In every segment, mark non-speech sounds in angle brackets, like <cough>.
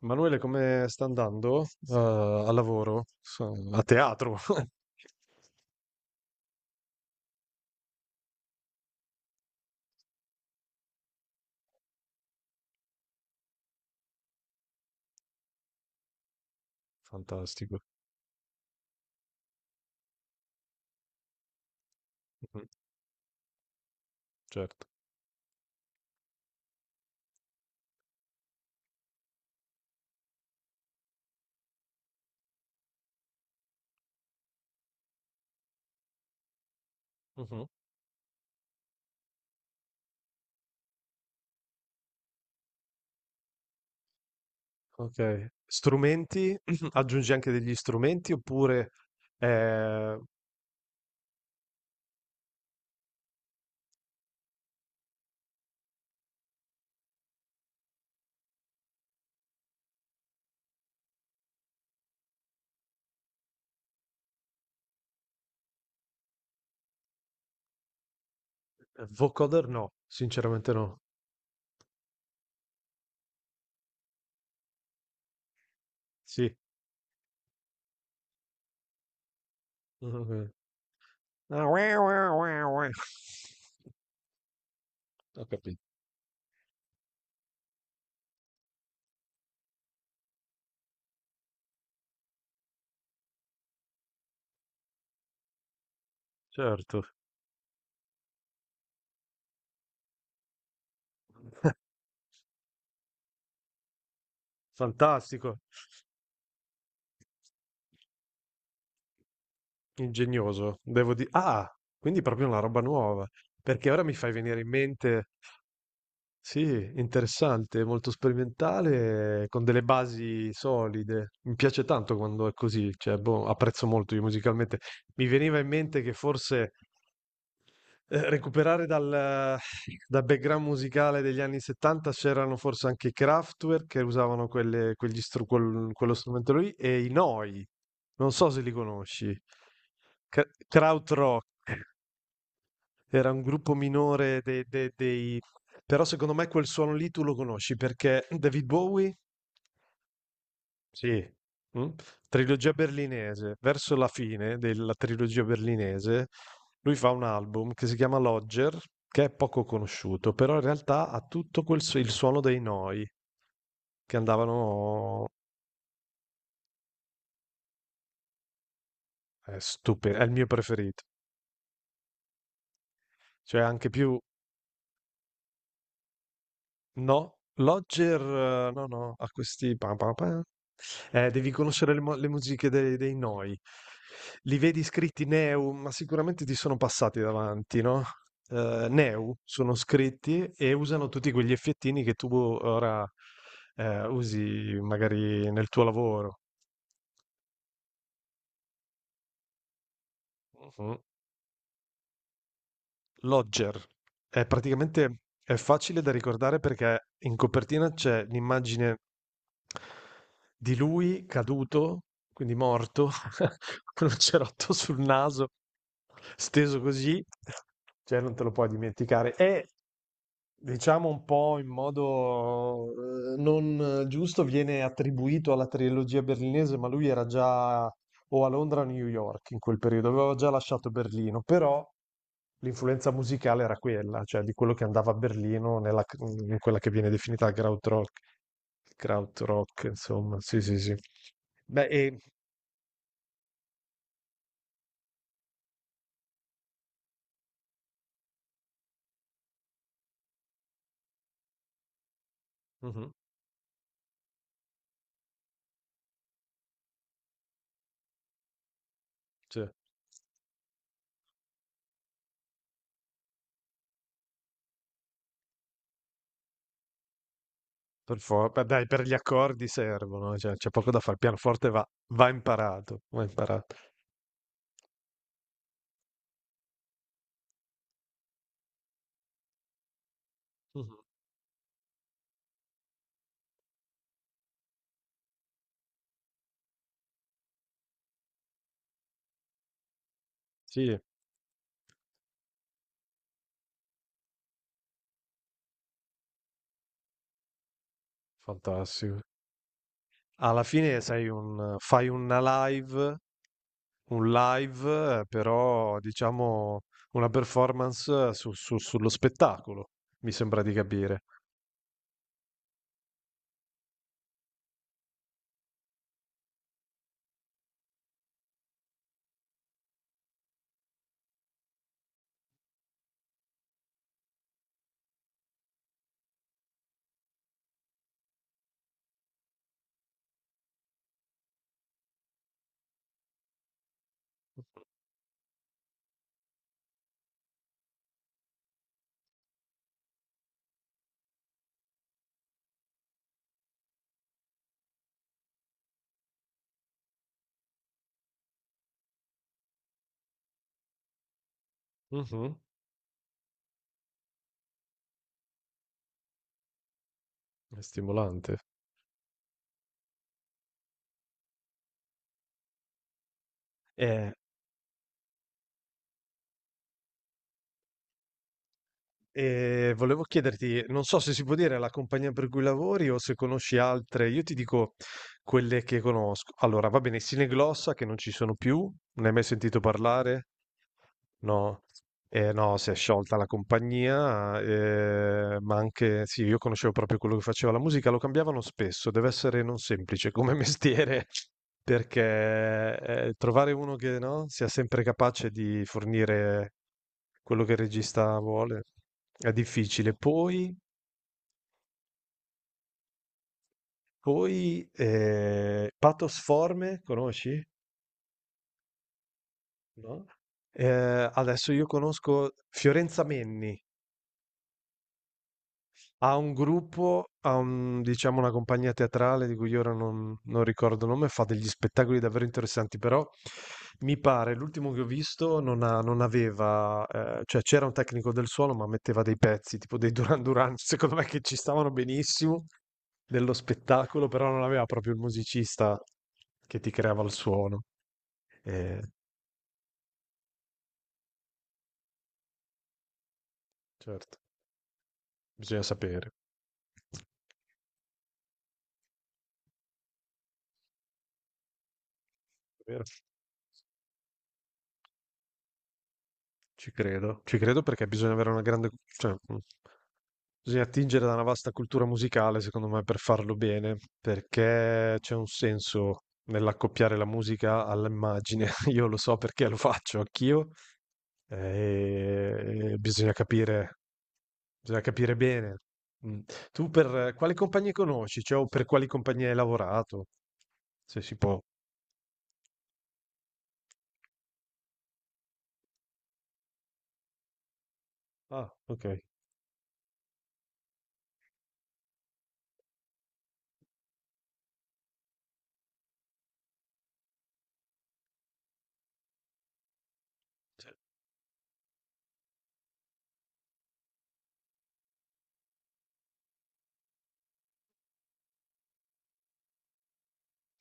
Manuele, come sta andando? Al lavoro? A teatro? <laughs> Fantastico. Mhm. Certo. Mhm. Ok. Strumenti? <clears throat> Aggiungi anche degli strumenti oppure eh, vocoder? No, sinceramente no. Sì. Mhm. Ah, ue, ue, ue, ue. Ho capito. Certo. <laughs> Fantastico. Ingegnoso. Devo dire. Ah, quindi proprio una roba nuova. Perché ora mi fai venire in mente. Sì, interessante, molto sperimentale, con delle basi solide. Mi piace tanto quando è così, cioè, boh, apprezzo molto io musicalmente. Mi veniva in mente che forse recuperare dal background musicale degli anni 70 c'erano forse anche i Kraftwerk che usavano quello strumento lì e i Noi, non so se li conosci. Krautrock era un gruppo minore dei. Però secondo me quel suono lì tu lo conosci perché David Bowie, sì, mm, trilogia berlinese, verso la fine della trilogia berlinese, lui fa un album che si chiama Lodger, che è poco conosciuto, però in realtà ha tutto il suono dei Noi, che andavano. È stupido, è il mio preferito. Cioè anche più. No, Lodger, no, no, ha questi pam, pam, pam. Devi conoscere le musiche dei Noi. Li vedi scritti Neu, ma sicuramente ti sono passati davanti, no? Neu sono scritti e usano tutti quegli effettini che tu ora usi magari nel tuo lavoro. Mhm. Lodger. È facile da ricordare perché in copertina c'è l'immagine di lui caduto, quindi morto, <laughs> con un cerotto sul naso, steso così, cioè non te lo puoi dimenticare. E diciamo un po' in modo non giusto viene attribuito alla trilogia berlinese, ma lui era già o a Londra o a New York in quel periodo, aveva già lasciato Berlino, però l'influenza musicale era quella, cioè di quello che andava a Berlino in quella che viene definita la Krautrock, Krautrock, insomma, sì, sì, sì. Beh, e mh-mh, sì, per for beh, dai, per gli accordi servono, cioè c'è poco da fare. Il pianoforte va imparato, va imparato. Mh-mh. Sì, fantastico. Alla fine sei un fai una live un live, però diciamo una performance, su su sullo spettacolo, mi sembra di capire. Mh-mh. È stimolante. Eh E volevo chiederti, non so se si può dire la compagnia per cui lavori o se conosci altre. Io ti dico quelle che conosco. Allora, va bene, Sineglossa che non ci sono più, ne hai mai sentito parlare? No, no, si è sciolta la compagnia, ma anche, sì, io conoscevo proprio quello che faceva la musica, lo cambiavano spesso, deve essere non semplice come <laughs> mestiere, perché trovare uno che no, sia sempre capace di fornire quello che il regista vuole è difficile. Poi, Pathos Forme, conosci? No? Eh, Adesso io conosco Fiorenza Menni, ha un gruppo, diciamo una compagnia teatrale di cui ora non ricordo il nome, fa degli spettacoli davvero interessanti, però mi pare, l'ultimo che ho visto non aveva, cioè c'era un tecnico del suono ma metteva dei pezzi, tipo dei Duran Duran, <laughs> secondo me che ci stavano benissimo dello spettacolo, però non aveva proprio il musicista che ti creava il suono. Eh, certo, bisogna sapere. Vero? Ci credo perché bisogna avere una grande, cioè, bisogna attingere da una vasta cultura musicale, secondo me, per farlo bene, perché c'è un senso nell'accoppiare la musica all'immagine. <laughs> Io lo so perché lo faccio anch'io, e bisogna capire bene. Mm. Tu per quali compagnie conosci? Cioè, o per quali compagnie hai lavorato? Se si può. Ah, ok.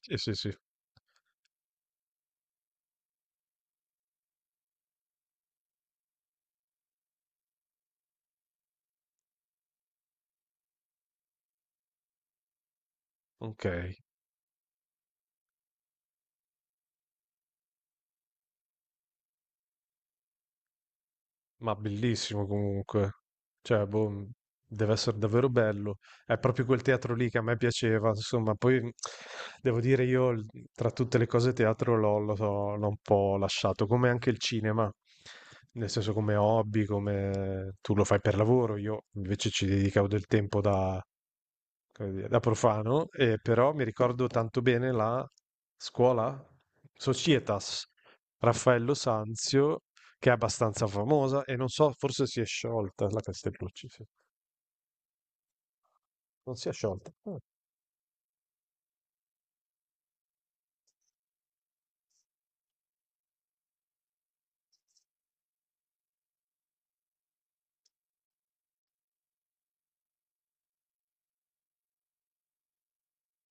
Sì, sì, sì. Ok. Ma bellissimo comunque. Cioè, boh, deve essere davvero bello. È proprio quel teatro lì che a me piaceva, insomma, poi devo dire tra tutte le cose teatro l'ho un po' lasciato, come anche il cinema. Nel senso come hobby, come tu lo fai per lavoro, io invece ci dedicavo del tempo da come dire, da profano, però mi ricordo tanto bene la scuola Societas Raffaello Sanzio, che è abbastanza famosa e non so, forse si è sciolta la Castellucci, sì. Non si è sciolta. Ah.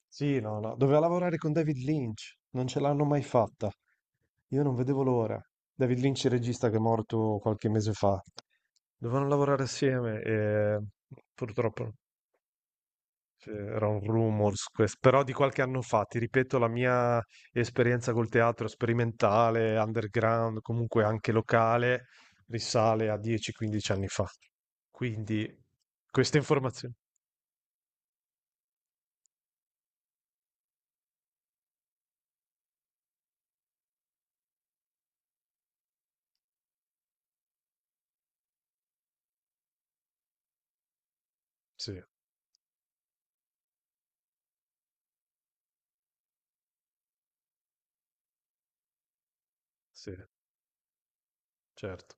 Sì, no, no, doveva lavorare con David Lynch, non ce l'hanno mai fatta. Io non vedevo l'ora. David Lynch, il regista che è morto qualche mese fa. Dovevano lavorare assieme e purtroppo c'erano rumors, però di qualche anno fa, ti ripeto, la mia esperienza col teatro sperimentale, underground, comunque anche locale, risale a 10-15 anni fa. Quindi queste informazioni. Sì, sì, certo.